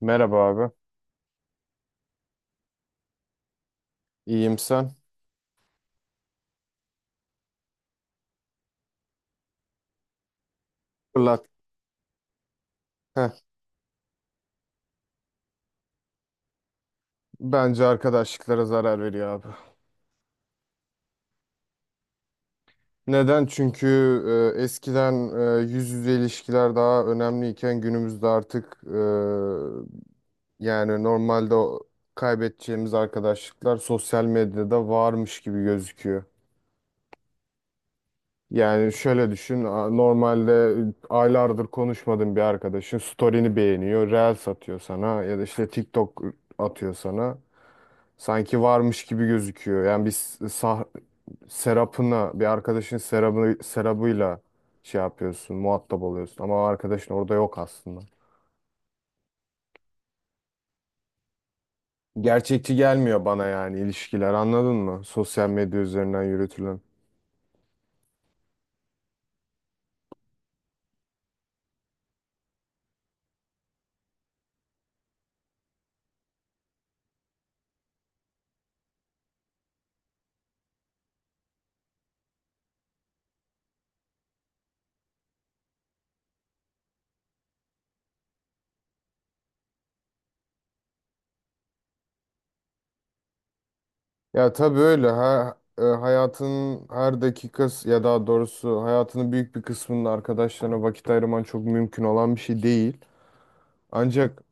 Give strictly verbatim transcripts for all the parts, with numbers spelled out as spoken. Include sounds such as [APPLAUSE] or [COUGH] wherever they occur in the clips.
Merhaba abi. İyiyim sen? Fırlat. Heh, bence arkadaşlıklara zarar veriyor abi. Neden? Çünkü e, eskiden e, yüz yüze ilişkiler daha önemliyken günümüzde artık e, yani normalde o kaybedeceğimiz arkadaşlıklar sosyal medyada varmış gibi gözüküyor. Yani şöyle düşün, a- normalde aylardır konuşmadığın bir arkadaşın story'ini beğeniyor, reel satıyor sana ya da işte TikTok atıyor sana. Sanki varmış gibi gözüküyor. Yani biz sah Serap'ına, bir arkadaşın Serap'ı, Serap'ıyla şey yapıyorsun, muhatap oluyorsun. Ama o arkadaşın orada yok aslında. Gerçekçi gelmiyor bana yani ilişkiler anladın mı? Sosyal medya üzerinden yürütülen. Ya tabii öyle. Ha, e, hayatının her dakikası ya daha doğrusu hayatının büyük bir kısmının arkadaşlarına vakit ayırman çok mümkün olan bir şey değil. Ancak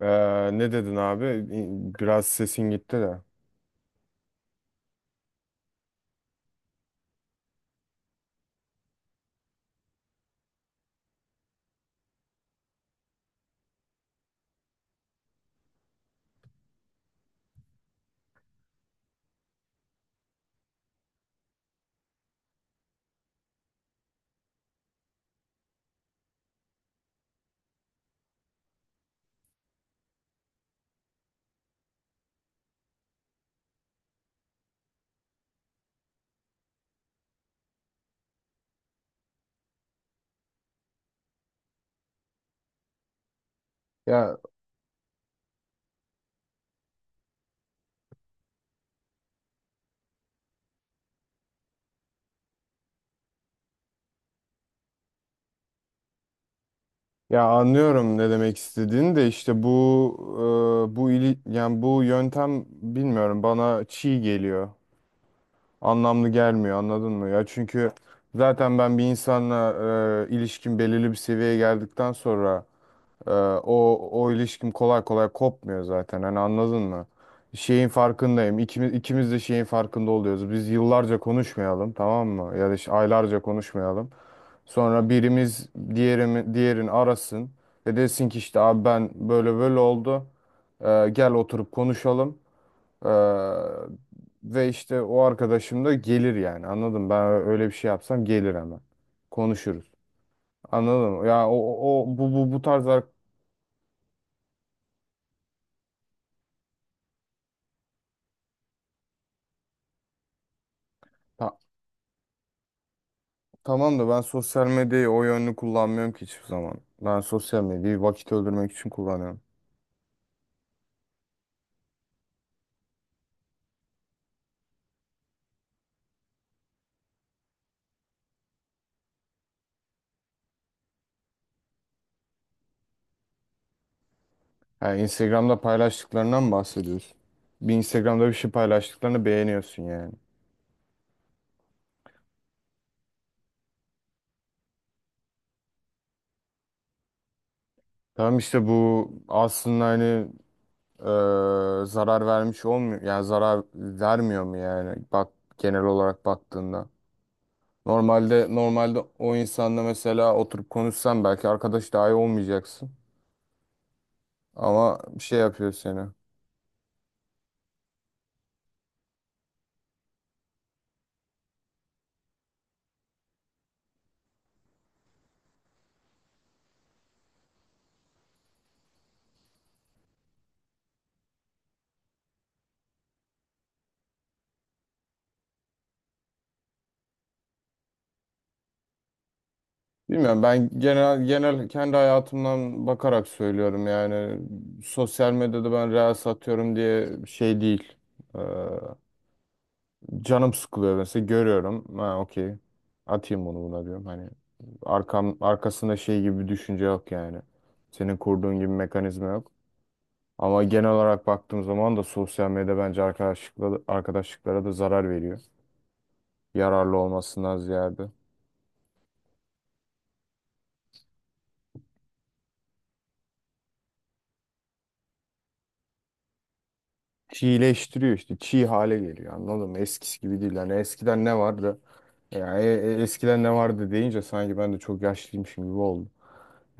e, ne dedin abi? Biraz sesin gitti de. Ya Ya anlıyorum ne demek istediğini de işte bu e, bu ili, yani bu yöntem bilmiyorum bana çiğ geliyor. Anlamlı gelmiyor anladın mı? Ya çünkü zaten ben bir insanla e, ilişkim belirli bir seviyeye geldikten sonra e, o o ilişkim kolay kolay kopmuyor zaten. Hani anladın mı? Şeyin farkındayım. İkimiz, ikimiz de şeyin farkında oluyoruz. Biz yıllarca konuşmayalım, tamam mı? Ya da işte aylarca konuşmayalım. Sonra birimiz diğerimi, diğerini arasın ve desin ki işte abi ben böyle böyle oldu. Ee, gel oturup konuşalım. Ee, Ve işte o arkadaşım da gelir yani anladın mı? Ben öyle bir şey yapsam gelir hemen. Konuşuruz. Anladın mı? Ya o, o o- bu bu bu tarz ar- Ta- Tamam da ben sosyal medyayı o yönlü kullanmıyorum ki hiçbir zaman. Ben sosyal medyayı vakit öldürmek için kullanıyorum. Yani Instagram'da paylaştıklarından mı bahsediyorsun? Bir Instagram'da bir şey paylaştıklarını beğeniyorsun yani. Tamam işte bu aslında hani e, zarar vermiş olmuyor. Yani zarar vermiyor mu yani? Bak genel olarak baktığında. Normalde normalde o insanla mesela oturup konuşsan belki arkadaş dahi olmayacaksın. Ama bir şey yapıyor seni. Bilmiyorum, ben genel genel kendi hayatımdan bakarak söylüyorum yani sosyal medyada ben reels atıyorum diye şey değil. Ee, Canım sıkılıyor mesela, görüyorum. Ha okey. Atayım bunu buna diyorum. Hani arkam arkasında şey gibi bir düşünce yok yani. Senin kurduğun gibi mekanizma yok. Ama genel olarak baktığım zaman da sosyal medya bence arkadaşlıkla, arkadaşlıklara da zarar veriyor. Yararlı olmasından ziyade. Çiğleştiriyor işte. Çiğ hale geliyor anladın mı? Eskisi gibi değil. Hani eskiden ne vardı? Yani e- e- eskiden ne vardı deyince sanki ben de çok yaşlıymışım gibi oldu.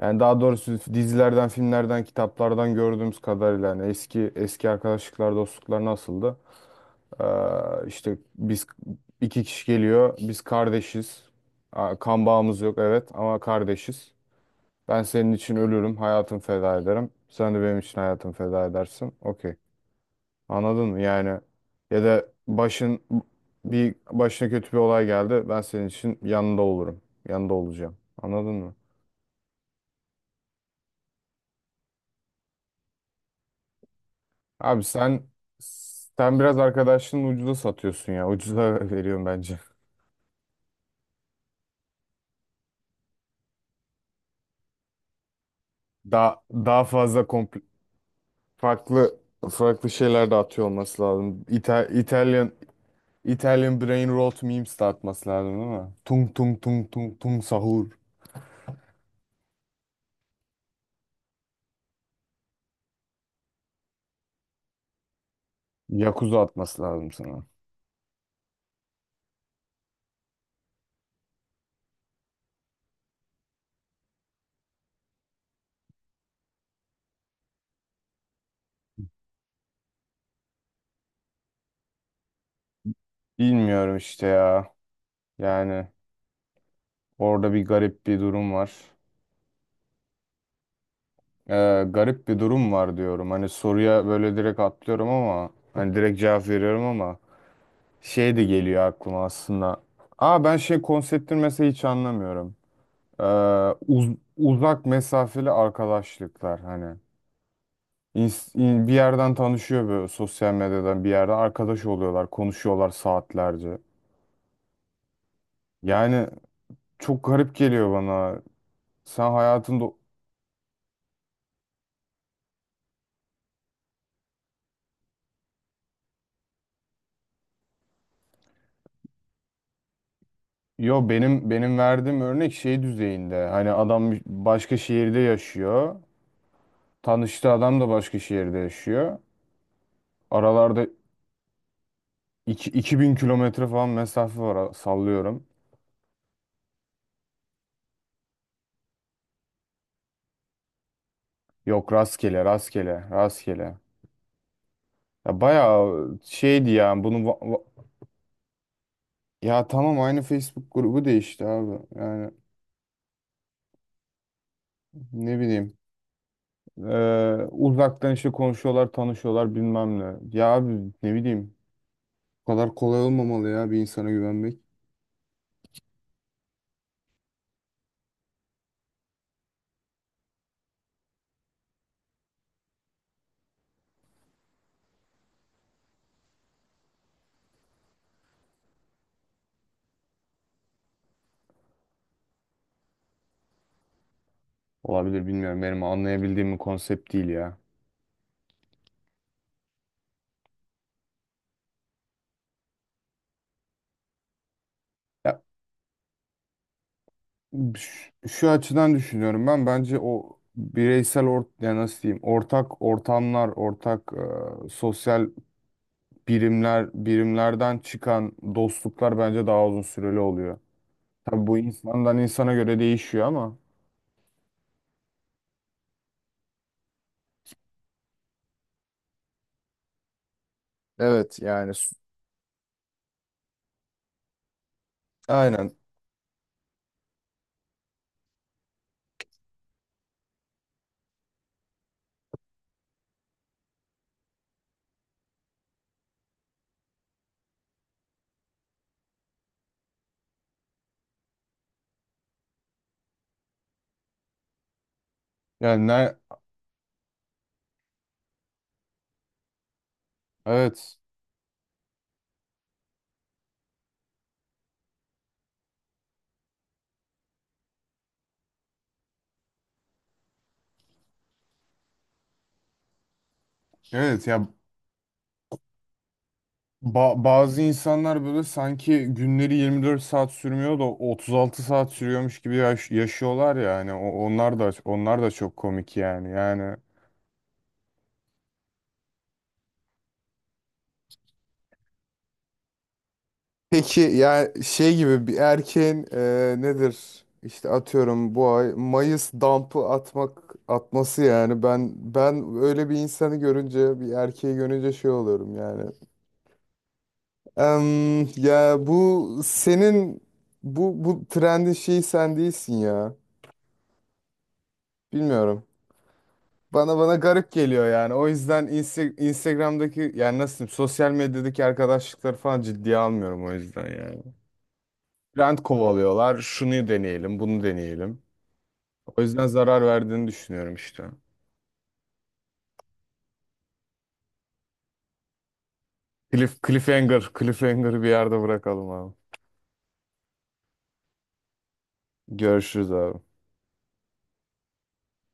Yani daha doğrusu dizilerden, filmlerden, kitaplardan gördüğümüz kadarıyla yani eski eski arkadaşlıklar, dostluklar nasıldı? Ee, işte biz iki kişi geliyor, biz kardeşiz. Aa, kan bağımız yok evet ama kardeşiz. Ben senin için ölürüm, hayatımı feda ederim. Sen de benim için hayatını feda edersin. Okey. Anladın mı? Yani ya da başın bir başına kötü bir olay geldi. Ben senin için yanında olurum. Yanında olacağım. Anladın mı? Abi sen sen biraz arkadaşının ucuza satıyorsun ya. Ucuza [LAUGHS] veriyorum bence. Daha daha fazla komple, farklı farklı şeyler de atıyor olması lazım. İta- İtalyan Italian brain rot memes de atması lazım değil mi? Tung tung tung tung tung sahur. Yakuza atması lazım sana. Bilmiyorum işte ya. Yani orada bir garip bir durum var. Ee, garip bir durum var diyorum. Hani soruya böyle direkt atlıyorum ama hani direkt cevap veriyorum ama şey de geliyor aklıma aslında. Aa ben şey konseptini mesela hiç anlamıyorum. Ee, uz- Uzak mesafeli arkadaşlıklar hani. İns- in- bir yerden tanışıyor böyle sosyal medyadan bir yerde arkadaş oluyorlar, konuşuyorlar saatlerce. Yani çok garip geliyor bana. Sen hayatında yo, benim benim verdiğim örnek şey düzeyinde. Hani adam başka şehirde yaşıyor. Tanıştığı adam da başka şehirde yaşıyor. Aralarda İki- iki bin kilometre falan mesafe var, sallıyorum. Yok, rastgele rastgele rastgele. Ya bayağı şeydi ya bunu va- va- ya tamam aynı Facebook grubu değişti abi. Yani ne bileyim. Ee, uzaktan işte konuşuyorlar, tanışıyorlar bilmem ne. Ya abi ne bileyim. Bu kadar kolay olmamalı ya bir insana güvenmek. Olabilir, bilmiyorum, benim anlayabildiğim bir konsept değil ya. Ya Ş- şu açıdan düşünüyorum, ben bence o bireysel or ya nasıl diyeyim ortak ortamlar, ortak e, sosyal birimler birimlerden çıkan dostluklar bence daha uzun süreli oluyor. Tabii bu insandan insana göre değişiyor ama. Evet yani s- aynen. Yani ne evet. Evet ya, ba- bazı insanlar böyle sanki günleri yirmi dört saat sürmüyor da otuz altı saat sürüyormuş gibi yaş- yaşıyorlar ya yani O- onlar da onlar da çok komik yani. Yani peki yani şey gibi bir erkeğin e, nedir? İşte atıyorum bu ay Mayıs dump'ı atmak atması yani ben ben öyle bir insanı görünce bir erkeği görünce şey oluyorum yani. Em, ya bu senin bu bu trendin şeyi sen değilsin ya. Bilmiyorum. Bana bana garip geliyor yani. O yüzden Insta- Instagram'daki yani nasıl diyeyim sosyal medyadaki arkadaşlıkları falan ciddiye almıyorum o yüzden yani. Trend kovalıyorlar. Şunu deneyelim, bunu deneyelim. O yüzden zarar verdiğini düşünüyorum işte. Cliff, cliffhanger, cliffhanger'ı bir yerde bırakalım abi. Görüşürüz abi.